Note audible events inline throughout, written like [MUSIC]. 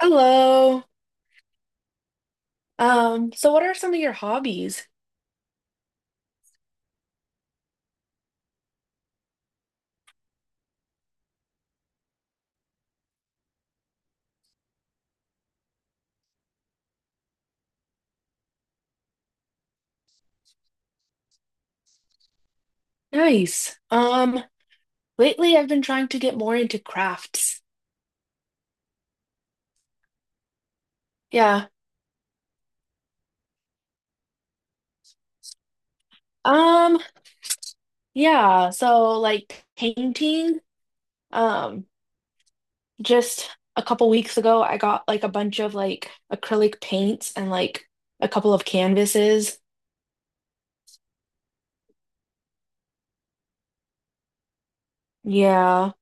Hello. So what are some of your hobbies? Nice. Lately I've been trying to get more into crafts. Yeah. Um, yeah, so like painting. Um, just a couple weeks ago I got like a bunch of like acrylic paints and like a couple of canvases. Yeah.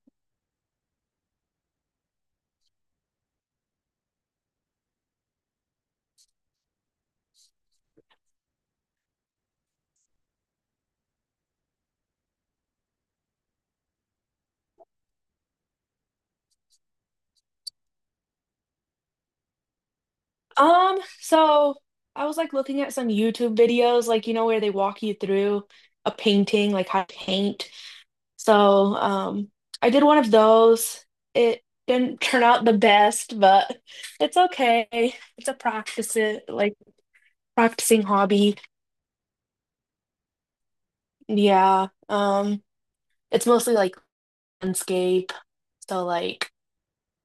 So I was like looking at some YouTube videos, like you know where they walk you through a painting, like how to paint. So I did one of those. It didn't turn out the best, but it's okay. It's a practice it like practicing hobby. Yeah. It's mostly like landscape. So like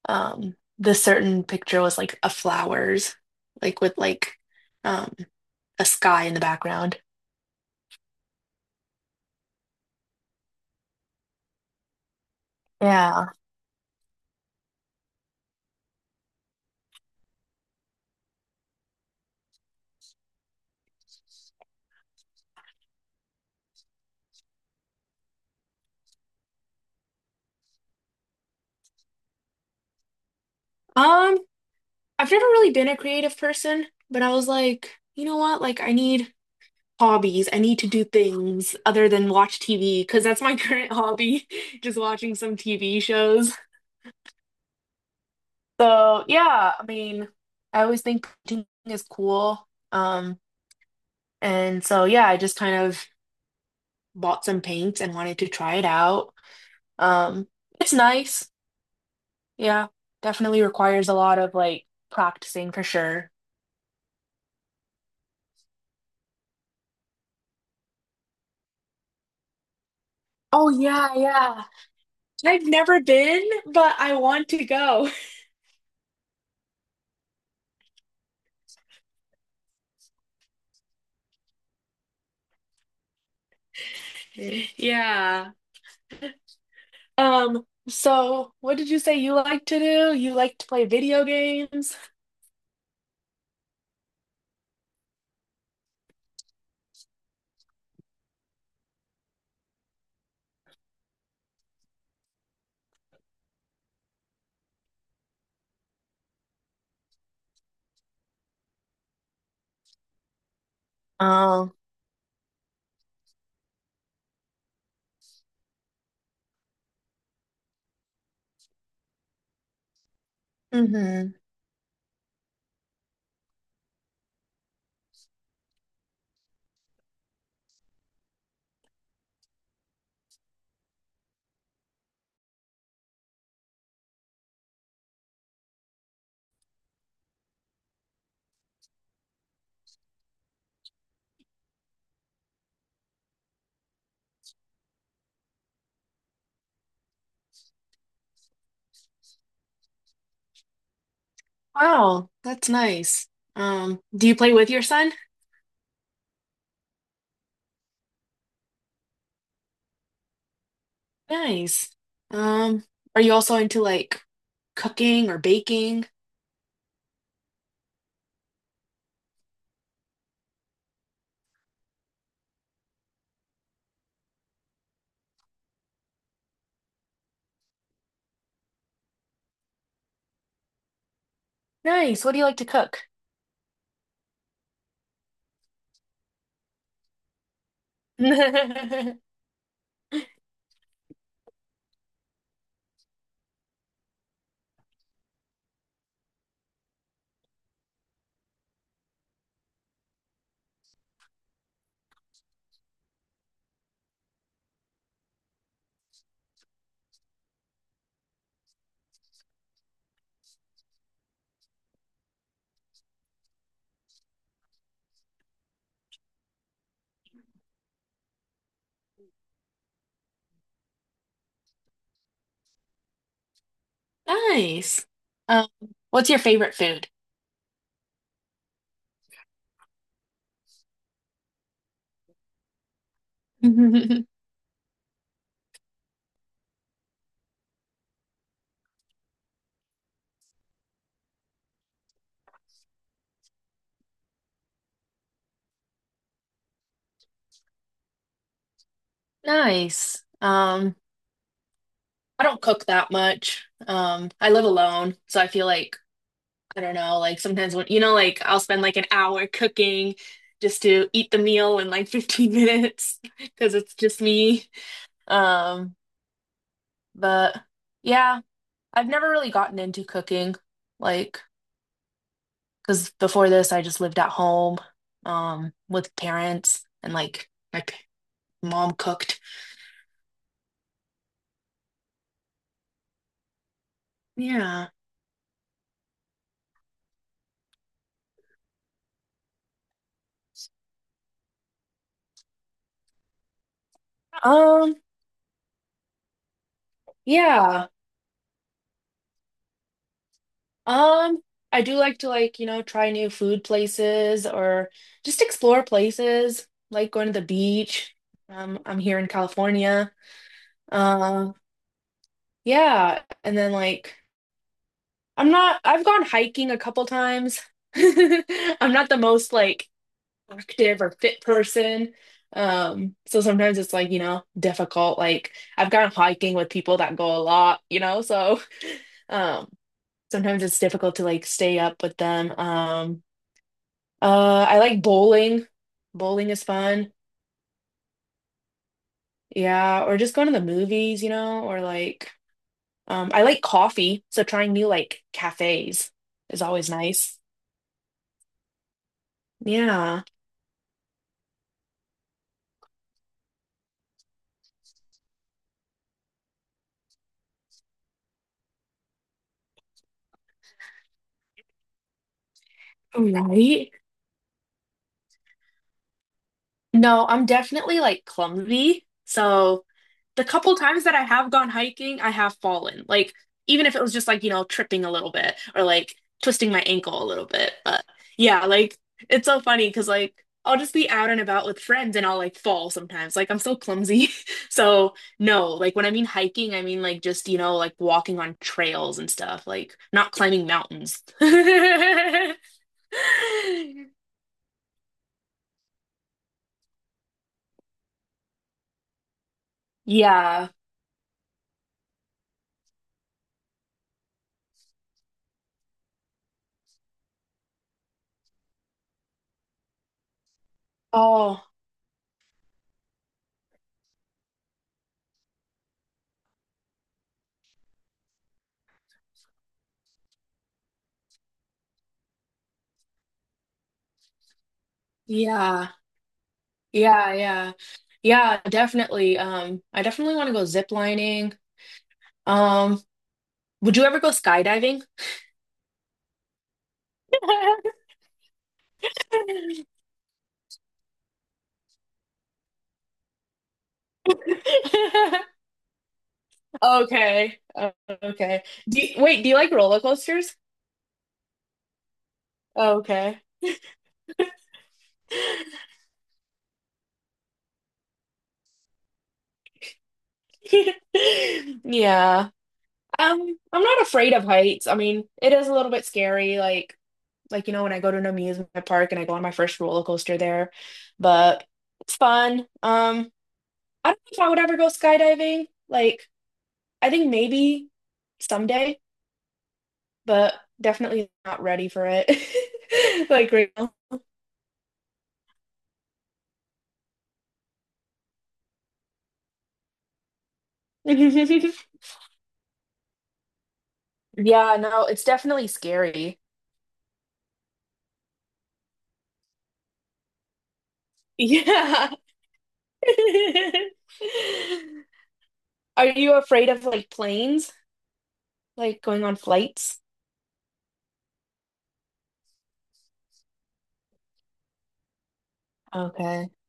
this certain picture was like a flowers, like with like um a sky in the background. Yeah. Um, I've never really been a creative person, but I was like, you know what? Like I need hobbies. I need to do things other than watch TV because that's my current hobby, [LAUGHS] just watching some TV shows. So, yeah, I mean, I always think painting is cool. Um, and so yeah, I just kind of bought some paint and wanted to try it out. Um, it's nice. Yeah, definitely requires a lot of like practicing for sure. Oh yeah, yeah. I've never been, but I want to go. [LAUGHS] Yeah. So what did you say you like to do? You like to play video games? Oh, mm-hmm. Wow, that's nice. Do you play with your son? Nice. Um, are you also into like cooking or baking? Nice. What do you like to cook? [LAUGHS] Nice. Um, what's your favorite food? [LAUGHS] Nice. I don't cook that much. I live alone, so I feel like I don't know, like sometimes when, you know, like I'll spend like an hour cooking just to eat the meal in like 15 minutes [LAUGHS] because it's just me. Um, but yeah, I've never really gotten into cooking, like, because before this, I just lived at home, with parents and like mom cooked. Yeah. Um, yeah. Um, I do like to like, you know, try new food places or just explore places, like going to the beach. I'm here in California. Uh, yeah, and then like I'm not I've gone hiking a couple times. [LAUGHS] I'm not the most like active or fit person. So sometimes it's like, you know, difficult. Like I've gone hiking with people that go a lot, you know, so [LAUGHS] um sometimes it's difficult to like stay up with them. I like bowling. Bowling is fun. Yeah, or just going to the movies, you know, or like I like coffee, so trying new like cafes is always nice. Yeah. Right. No, I'm definitely like clumsy. So the couple times that I have gone hiking, I have fallen. Like, even if it was just like, you know, tripping a little bit or like twisting my ankle a little bit. But yeah, like, it's so funny because like I'll just be out and about with friends and I'll like fall sometimes. Like, I'm so clumsy. [LAUGHS] So, no, like when I mean hiking, I mean like just, you know, like walking on trails and stuff, like not climbing mountains. [LAUGHS] Yeah. Oh, yeah. Yeah, yeah. Yeah, definitely. I definitely want to go zip lining. Um, would you ever go skydiving? [LAUGHS] Okay. Okay. Do you, wait, do you like roller coasters? Okay. [LAUGHS] Yeah. I'm not afraid of heights. I mean, it is a little bit scary, like you know, when I go to an amusement park and I go on my first roller coaster there, but it's fun. I don't know if I would ever go skydiving. Like I think maybe someday, but definitely not ready for it. [LAUGHS] Like right now. [LAUGHS] Yeah, no, it's definitely scary. Yeah. [LAUGHS] Are you afraid of like planes? Like going on flights? Okay. [LAUGHS]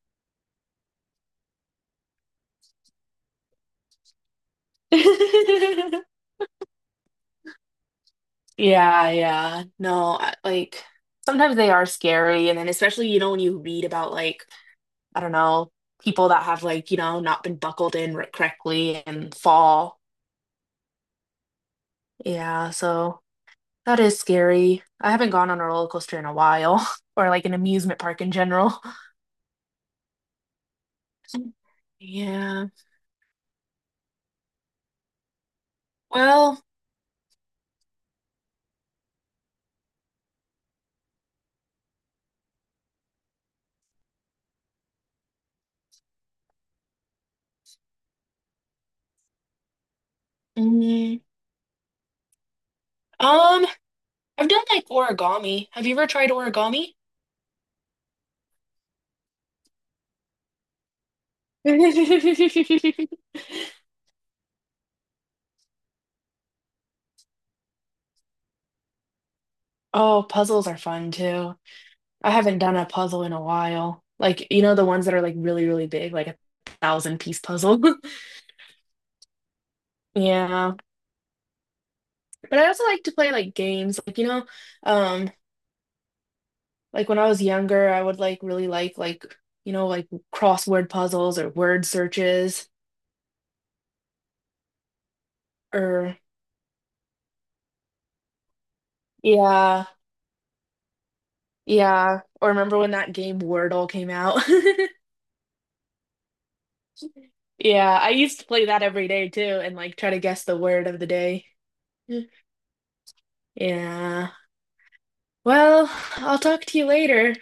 Yeah, yeah. No, I- Like sometimes they are scary. And then especially, you know, when you read about like, I don't know, people that have like, you know, not been buckled in correctly and fall. Yeah, so that is scary. I haven't gone on a roller coaster in a while, [LAUGHS] or like an amusement park in general. [LAUGHS] Yeah. Well, mm, um, I've done like origami. Have you ever tried origami? [LAUGHS] Oh, puzzles are fun too. I haven't done a puzzle in a while. Like, you know, the ones that are like really, really big, like a thousand piece puzzle. [LAUGHS] Yeah. But I also like to play like games, like, you know, um, like when I was younger, I would like really like, you know, like crossword puzzles or word searches or yeah, yeah. Or remember when that game Wordle came out? [LAUGHS] Yeah, I used to play that every day too and like try to guess the word of the day. Yeah. Well, I'll talk to you later.